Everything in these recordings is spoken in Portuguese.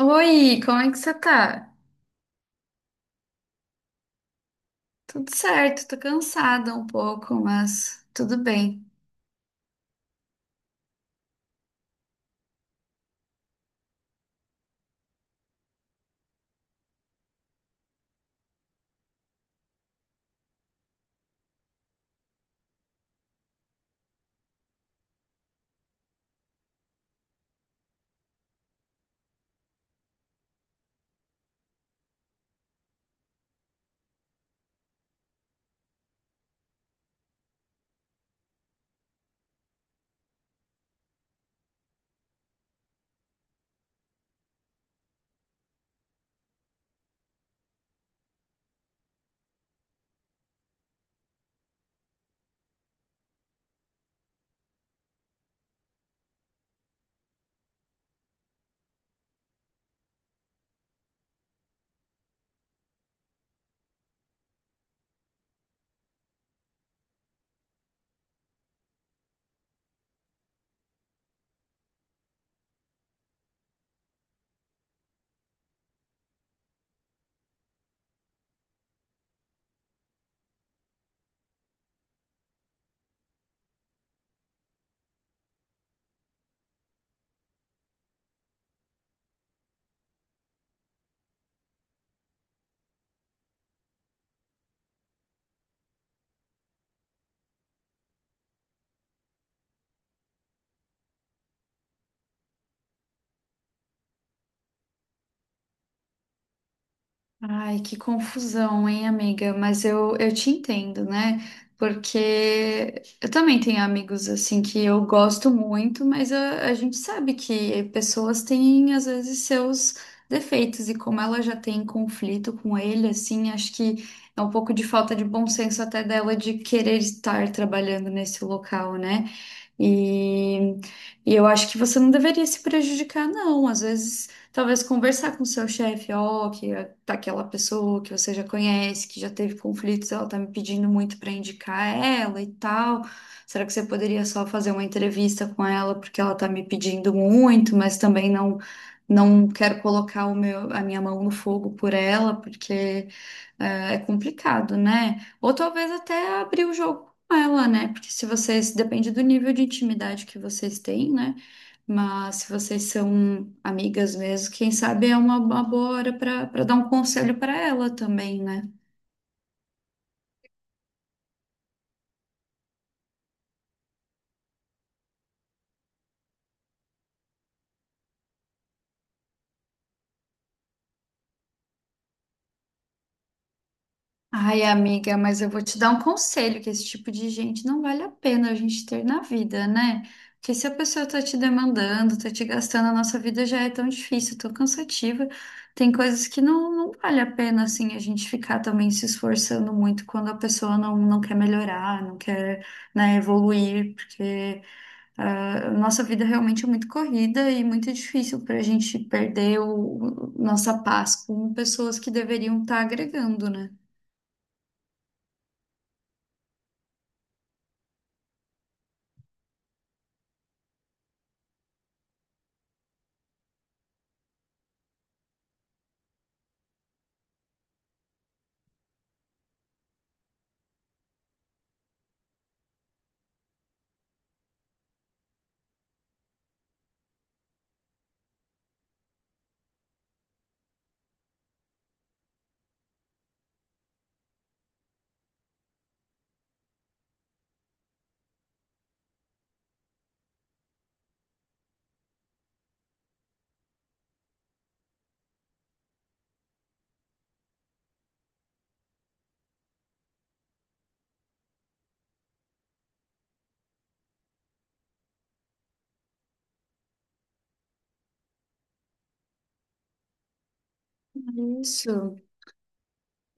Oi, como é que você tá? Tudo certo, tô cansada um pouco, mas tudo bem. Ai, que confusão, hein, amiga? Mas eu te entendo, né? Porque eu também tenho amigos assim que eu gosto muito, mas a gente sabe que pessoas têm às vezes seus defeitos, e como ela já tem conflito com ele, assim, acho que é um pouco de falta de bom senso até dela de querer estar trabalhando nesse local, né? E, e eu acho que você não deveria se prejudicar, não. Às vezes, talvez conversar com o seu chefe, ó, tá aquela pessoa que você já conhece, que já teve conflitos, ela tá me pedindo muito para indicar ela e tal. Será que você poderia só fazer uma entrevista com ela porque ela tá me pedindo muito, mas também não quero colocar a minha mão no fogo por ela, porque é complicado, né? Ou talvez até abrir o jogo ela, né? Porque se vocês, depende do nível de intimidade que vocês têm, né? Mas se vocês são amigas mesmo, quem sabe é uma boa hora para dar um conselho para ela também, né? Ai, amiga, mas eu vou te dar um conselho, que esse tipo de gente não vale a pena a gente ter na vida, né? Porque se a pessoa tá te demandando, tá te gastando, a nossa vida já é tão difícil, tão cansativa. Tem coisas que não vale a pena, assim, a gente ficar também se esforçando muito quando a pessoa não quer melhorar, não quer, né, evoluir, porque a nossa vida realmente é muito corrida e muito difícil pra gente perder nossa paz com pessoas que deveriam estar agregando, né? Isso.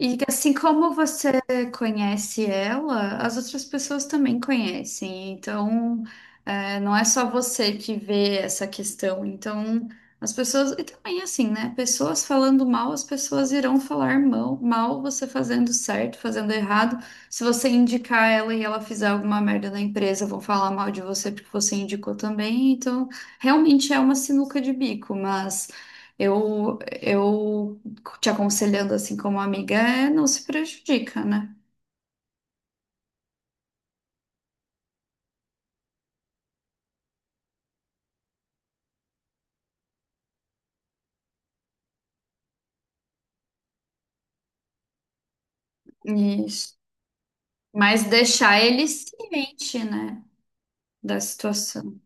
E assim como você conhece ela, as outras pessoas também conhecem. Então, é, não é só você que vê essa questão. Então, as pessoas. E também, assim, né? Pessoas falando mal, as pessoas irão falar mal, mal você fazendo certo, fazendo errado. Se você indicar ela e ela fizer alguma merda na empresa, vão falar mal de você porque você indicou também. Então, realmente é uma sinuca de bico, mas. Eu te aconselhando assim como amiga é não se prejudica, né? Isso. Mas deixar ele ciente, né, da situação.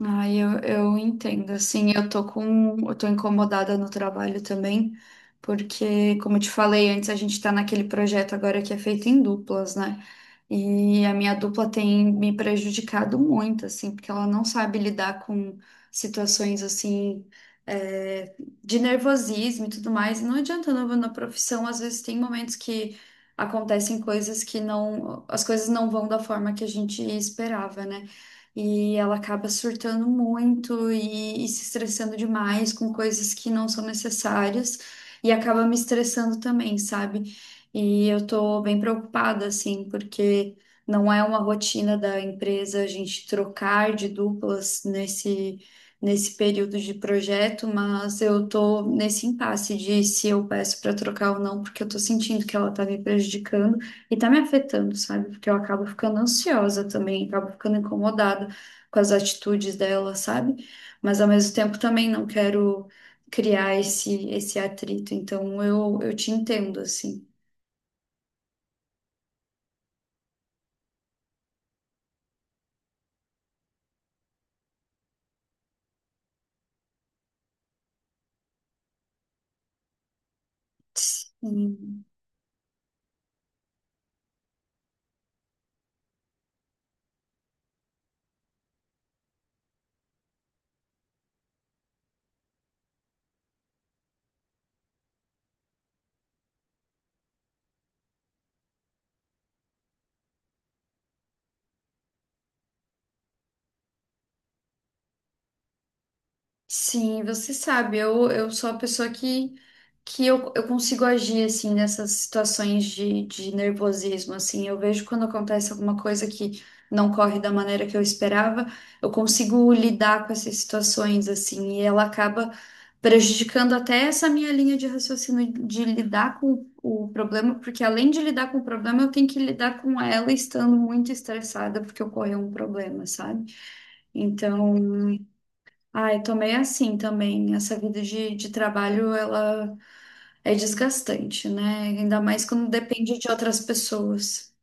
Ai, eu entendo, assim, eu tô incomodada no trabalho também, porque, como eu te falei antes, a gente tá naquele projeto agora que é feito em duplas, né? E a minha dupla tem me prejudicado muito, assim, porque ela não sabe lidar com situações, assim, é, de nervosismo e tudo mais. E não adianta, não, na profissão, às vezes tem momentos que acontecem coisas que não, as coisas não vão da forma que a gente esperava, né? E ela acaba surtando muito e se estressando demais com coisas que não são necessárias e acaba me estressando também, sabe? E eu tô bem preocupada, assim, porque não é uma rotina da empresa a gente trocar de duplas nesse. Nesse período de projeto, mas eu tô nesse impasse de se eu peço para trocar ou não, porque eu tô sentindo que ela tá me prejudicando e tá me afetando, sabe? Porque eu acabo ficando ansiosa também, acabo ficando incomodada com as atitudes dela, sabe? Mas ao mesmo tempo também não quero criar esse atrito. Então eu te entendo, assim. Sim. Sim, você sabe, eu sou a pessoa que, eu consigo agir, assim, nessas situações de nervosismo, assim, eu vejo quando acontece alguma coisa que não corre da maneira que eu esperava, eu consigo lidar com essas situações, assim, e ela acaba prejudicando até essa minha linha de raciocínio de lidar com o problema, porque além de lidar com o problema, eu tenho que lidar com ela estando muito estressada porque ocorreu um problema, sabe? Então, ai, tomei assim também. Essa vida de trabalho, ela é desgastante, né? Ainda mais quando depende de outras pessoas.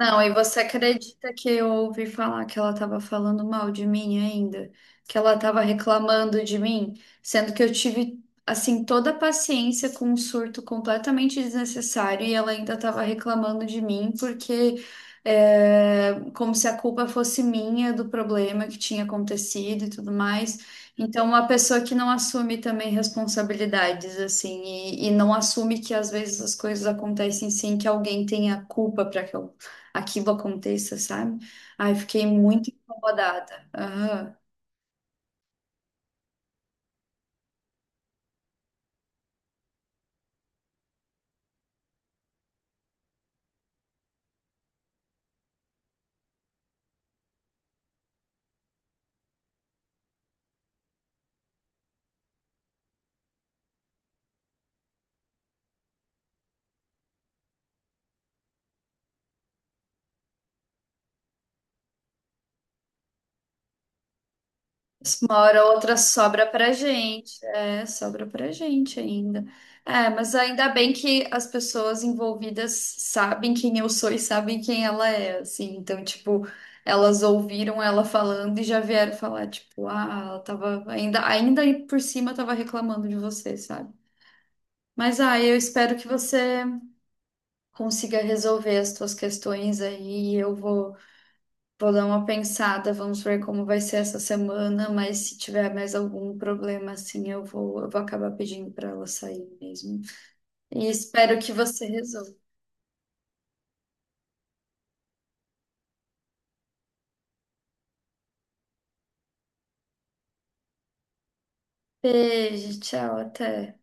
Não, e você acredita que eu ouvi falar que ela estava falando mal de mim ainda? Que ela estava reclamando de mim? Sendo que eu tive, assim, toda a paciência com um surto completamente desnecessário e ela ainda estava reclamando de mim porque, é, como se a culpa fosse minha do problema que tinha acontecido e tudo mais. Então, uma pessoa que não assume também responsabilidades, assim, e não assume que às vezes as coisas acontecem sem que alguém tenha culpa para que aquilo aconteça, sabe? Ai, fiquei muito incomodada. Aham. Uma hora ou outra sobra pra gente. É, sobra pra gente ainda. É, mas ainda bem que as pessoas envolvidas sabem quem eu sou e sabem quem ela é, assim. Então, tipo, elas ouviram ela falando e já vieram falar, tipo, ah, ela tava ainda por cima tava reclamando de você, sabe? Mas, ah, eu espero que você consiga resolver as tuas questões aí. Eu vou Vou dar uma pensada, vamos ver como vai ser essa semana, mas se tiver mais algum problema assim, eu vou acabar pedindo para ela sair mesmo. E espero que você resolva. Beijo, tchau, até.